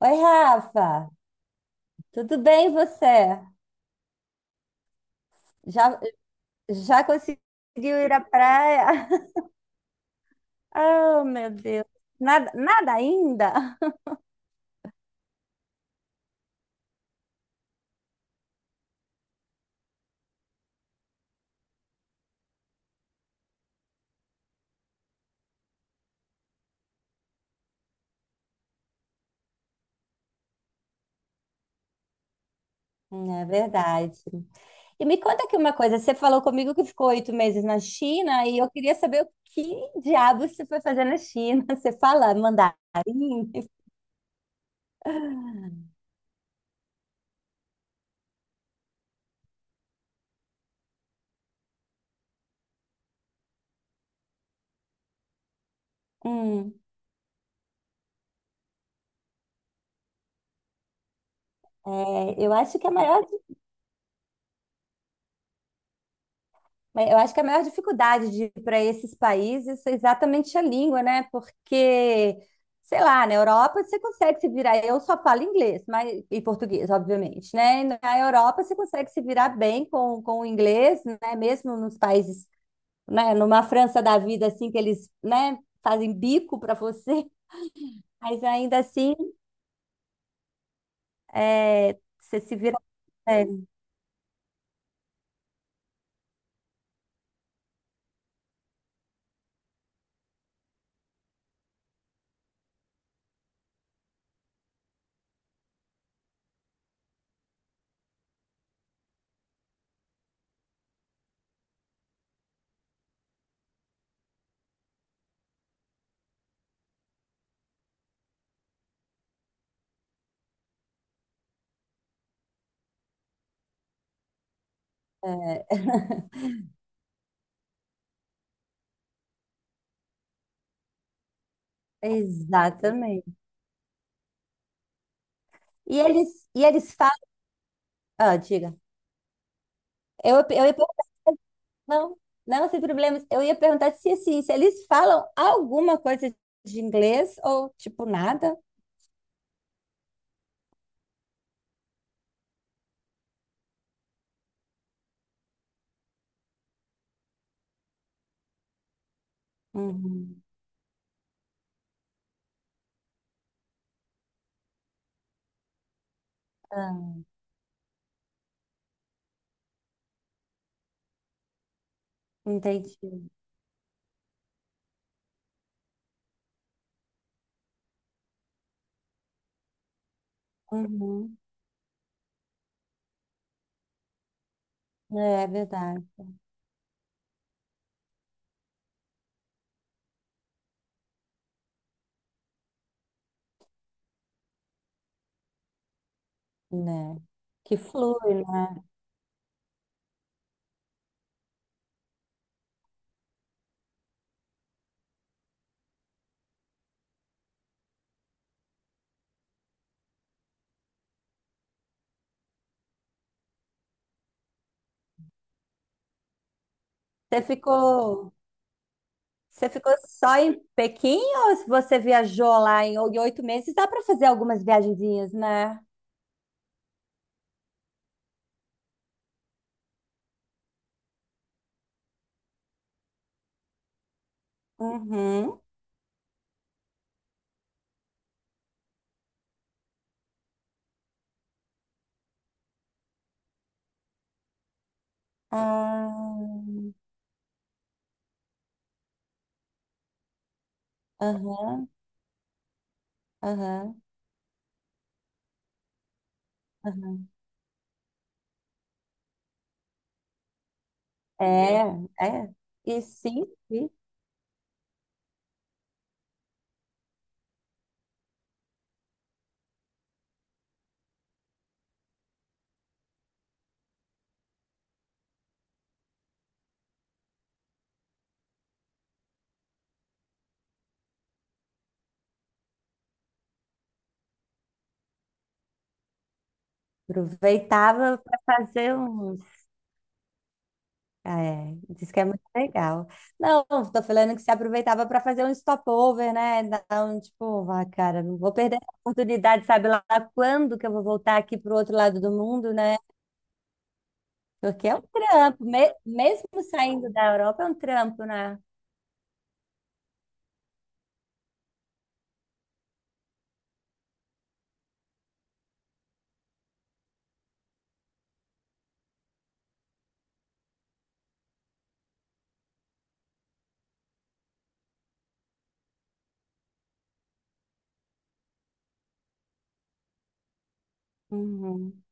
Oi, Rafa, tudo bem e você? Já, já conseguiu ir à praia? Oh, meu Deus, nada, nada ainda? É verdade. E me conta aqui uma coisa, você falou comigo que ficou 8 meses na China e eu queria saber o que diabos você foi fazer na China. Você fala mandarim? Hum, é, eu acho que a maior Eu acho que a maior dificuldade de ir para esses países é exatamente a língua, né? Porque, sei lá, na Europa você consegue se virar. Eu só falo inglês, mas e português, obviamente, né? E na Europa você consegue se virar bem com o inglês, né? Mesmo nos países, né? Numa França da vida, assim, que eles, né? Fazem bico para você, mas ainda assim, é, você se vira. É, é, exatamente. E eles falam. Ah, diga. Eu ia perguntar. Não, não, sem problemas. Eu ia perguntar se, assim, se eles falam alguma coisa de inglês ou, tipo, nada. Uhum. Ah, entendi. Uhum. É verdade, né? Que flui, né? Você ficou, você ficou só em Pequim ou se você viajou lá em 8 meses? Dá para fazer algumas viagenzinhas, né? Uhum. Ah, aham, aham, aham. É, é. E sim, aproveitava para fazer uns. É, diz que é muito legal. Não, tô falando que se aproveitava para fazer um stopover, né? Então, tipo, vai, cara, não vou perder a oportunidade, sabe lá quando que eu vou voltar aqui pro outro lado do mundo, né? Porque é um trampo, mesmo saindo da Europa, é um trampo, né? Uhum.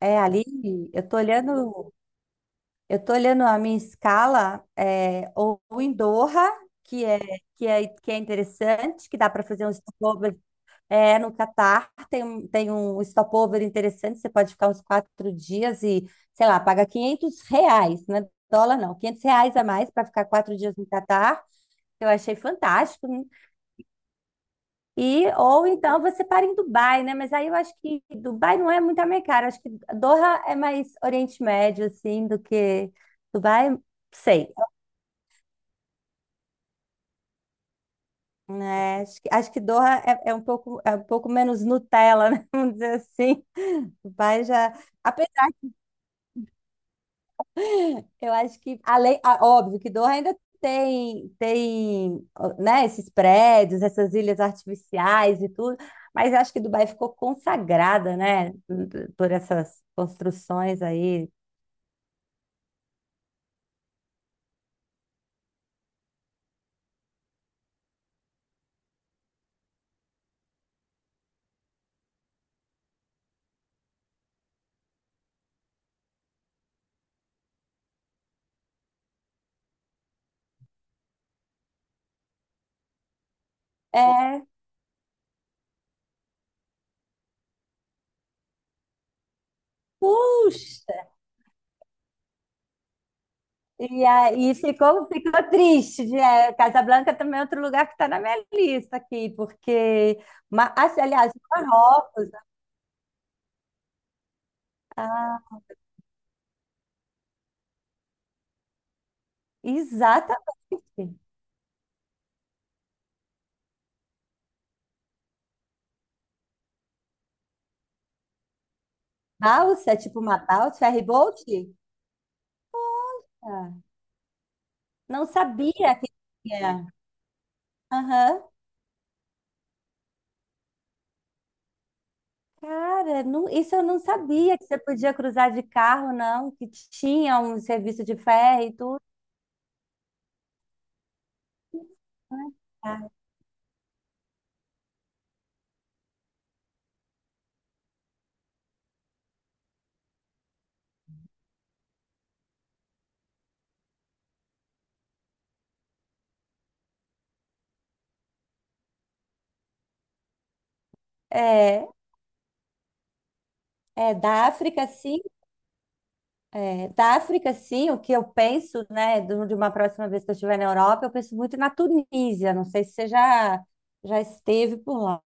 É, ali, eu tô olhando, eu tô olhando a minha escala, é, ou em Doha, que é, que é interessante, que dá para fazer um stopover. É, no Catar tem, tem um stopover interessante, você pode ficar uns 4 dias e, sei lá, paga R$ 500, não é dólar não, R$ 500 a mais para ficar 4 dias no Catar, que eu achei fantástico, né? E, ou então você para em Dubai, né? Mas aí eu acho que Dubai não é muito a minha cara, acho que Doha é mais Oriente Médio, assim, do que Dubai, sei. Né? Acho que Doha é um pouco, é um pouco menos Nutella, né? Vamos dizer assim. Dubai já. Eu acho que, além, ah, óbvio que Doha ainda tem, ó, né, esses prédios, essas ilhas artificiais e tudo, mas eu acho que Dubai ficou consagrada, né, por essas construções aí. É, puxa! E aí ficou triste. É, Casablanca também é outro lugar que está na minha lista aqui, porque, ah, aliás, Marrocos, ah, exatamente. Balsa, tipo uma balsa, ferry boat? Não sabia que tinha. Aham. Cara, isso eu não sabia que você podia cruzar de carro, não, que tinha um serviço de ferro e tudo, né? Tá. É, é da África, sim. É, da África, sim, o que eu penso, né, de uma próxima vez que eu estiver na Europa, eu penso muito na Tunísia. Não sei se você já, já esteve por lá.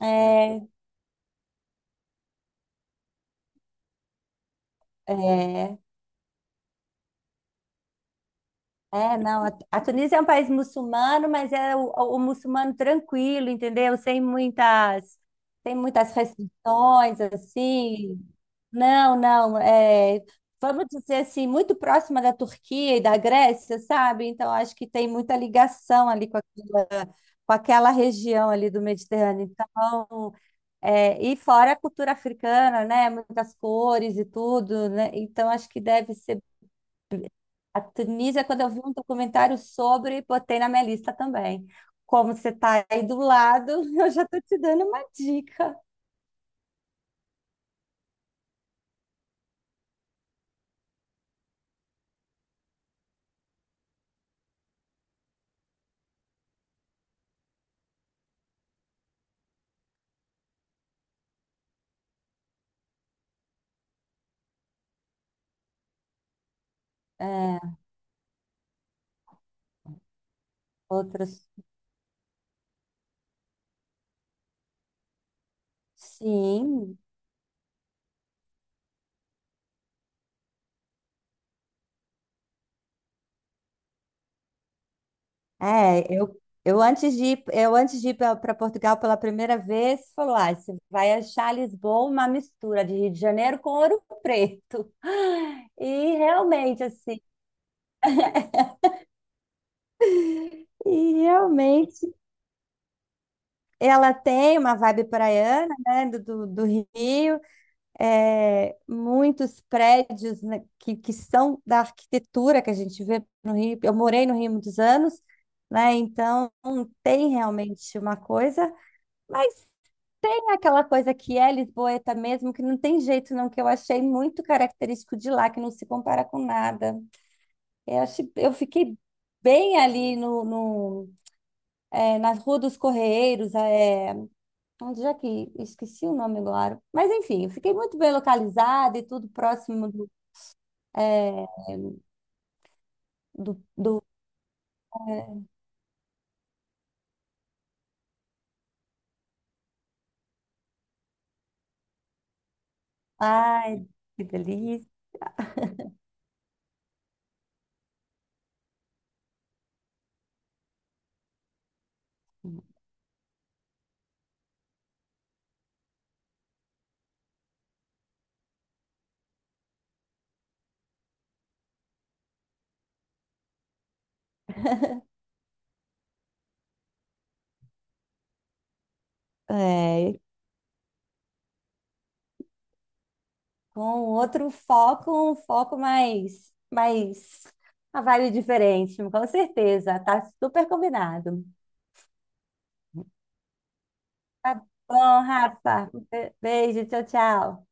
É, é. É, não, a Tunísia é um país muçulmano, mas é o muçulmano tranquilo, entendeu? Sem muitas restrições, assim. Não, não, é, vamos dizer assim, muito próxima da Turquia e da Grécia, sabe? Então, acho que tem muita ligação ali com aquela região ali do Mediterrâneo. Então, é, e fora a cultura africana, né? Muitas cores e tudo, né? Então, acho que deve ser a Tunísia, quando eu vi um documentário sobre, botei na minha lista também. Como você está aí do lado, eu já estou te dando uma dica. É, outros. Sim. É, eu antes de ir para Portugal pela primeira vez, falou: ah, você vai achar Lisboa uma mistura de Rio de Janeiro com Ouro Preto. E realmente, assim, e realmente ela tem uma vibe praiana, né, do, do Rio. É, muitos prédios, né, que são da arquitetura que a gente vê no Rio. Eu morei no Rio muitos anos, né? Então tem realmente uma coisa, mas tem aquela coisa que é lisboeta mesmo, que não tem jeito não, que eu achei muito característico de lá, que não se compara com nada. Eu fiquei bem ali no, no é, na Rua dos Correiros, é, onde é que esqueci o nome agora. Mas enfim, eu fiquei muito bem localizada e tudo próximo é, do... Ai, que delícia. É, com outro foco, um foco mais uma vibe diferente, com certeza. Tá super combinado. Bom, Rafa, beijo, tchau, tchau.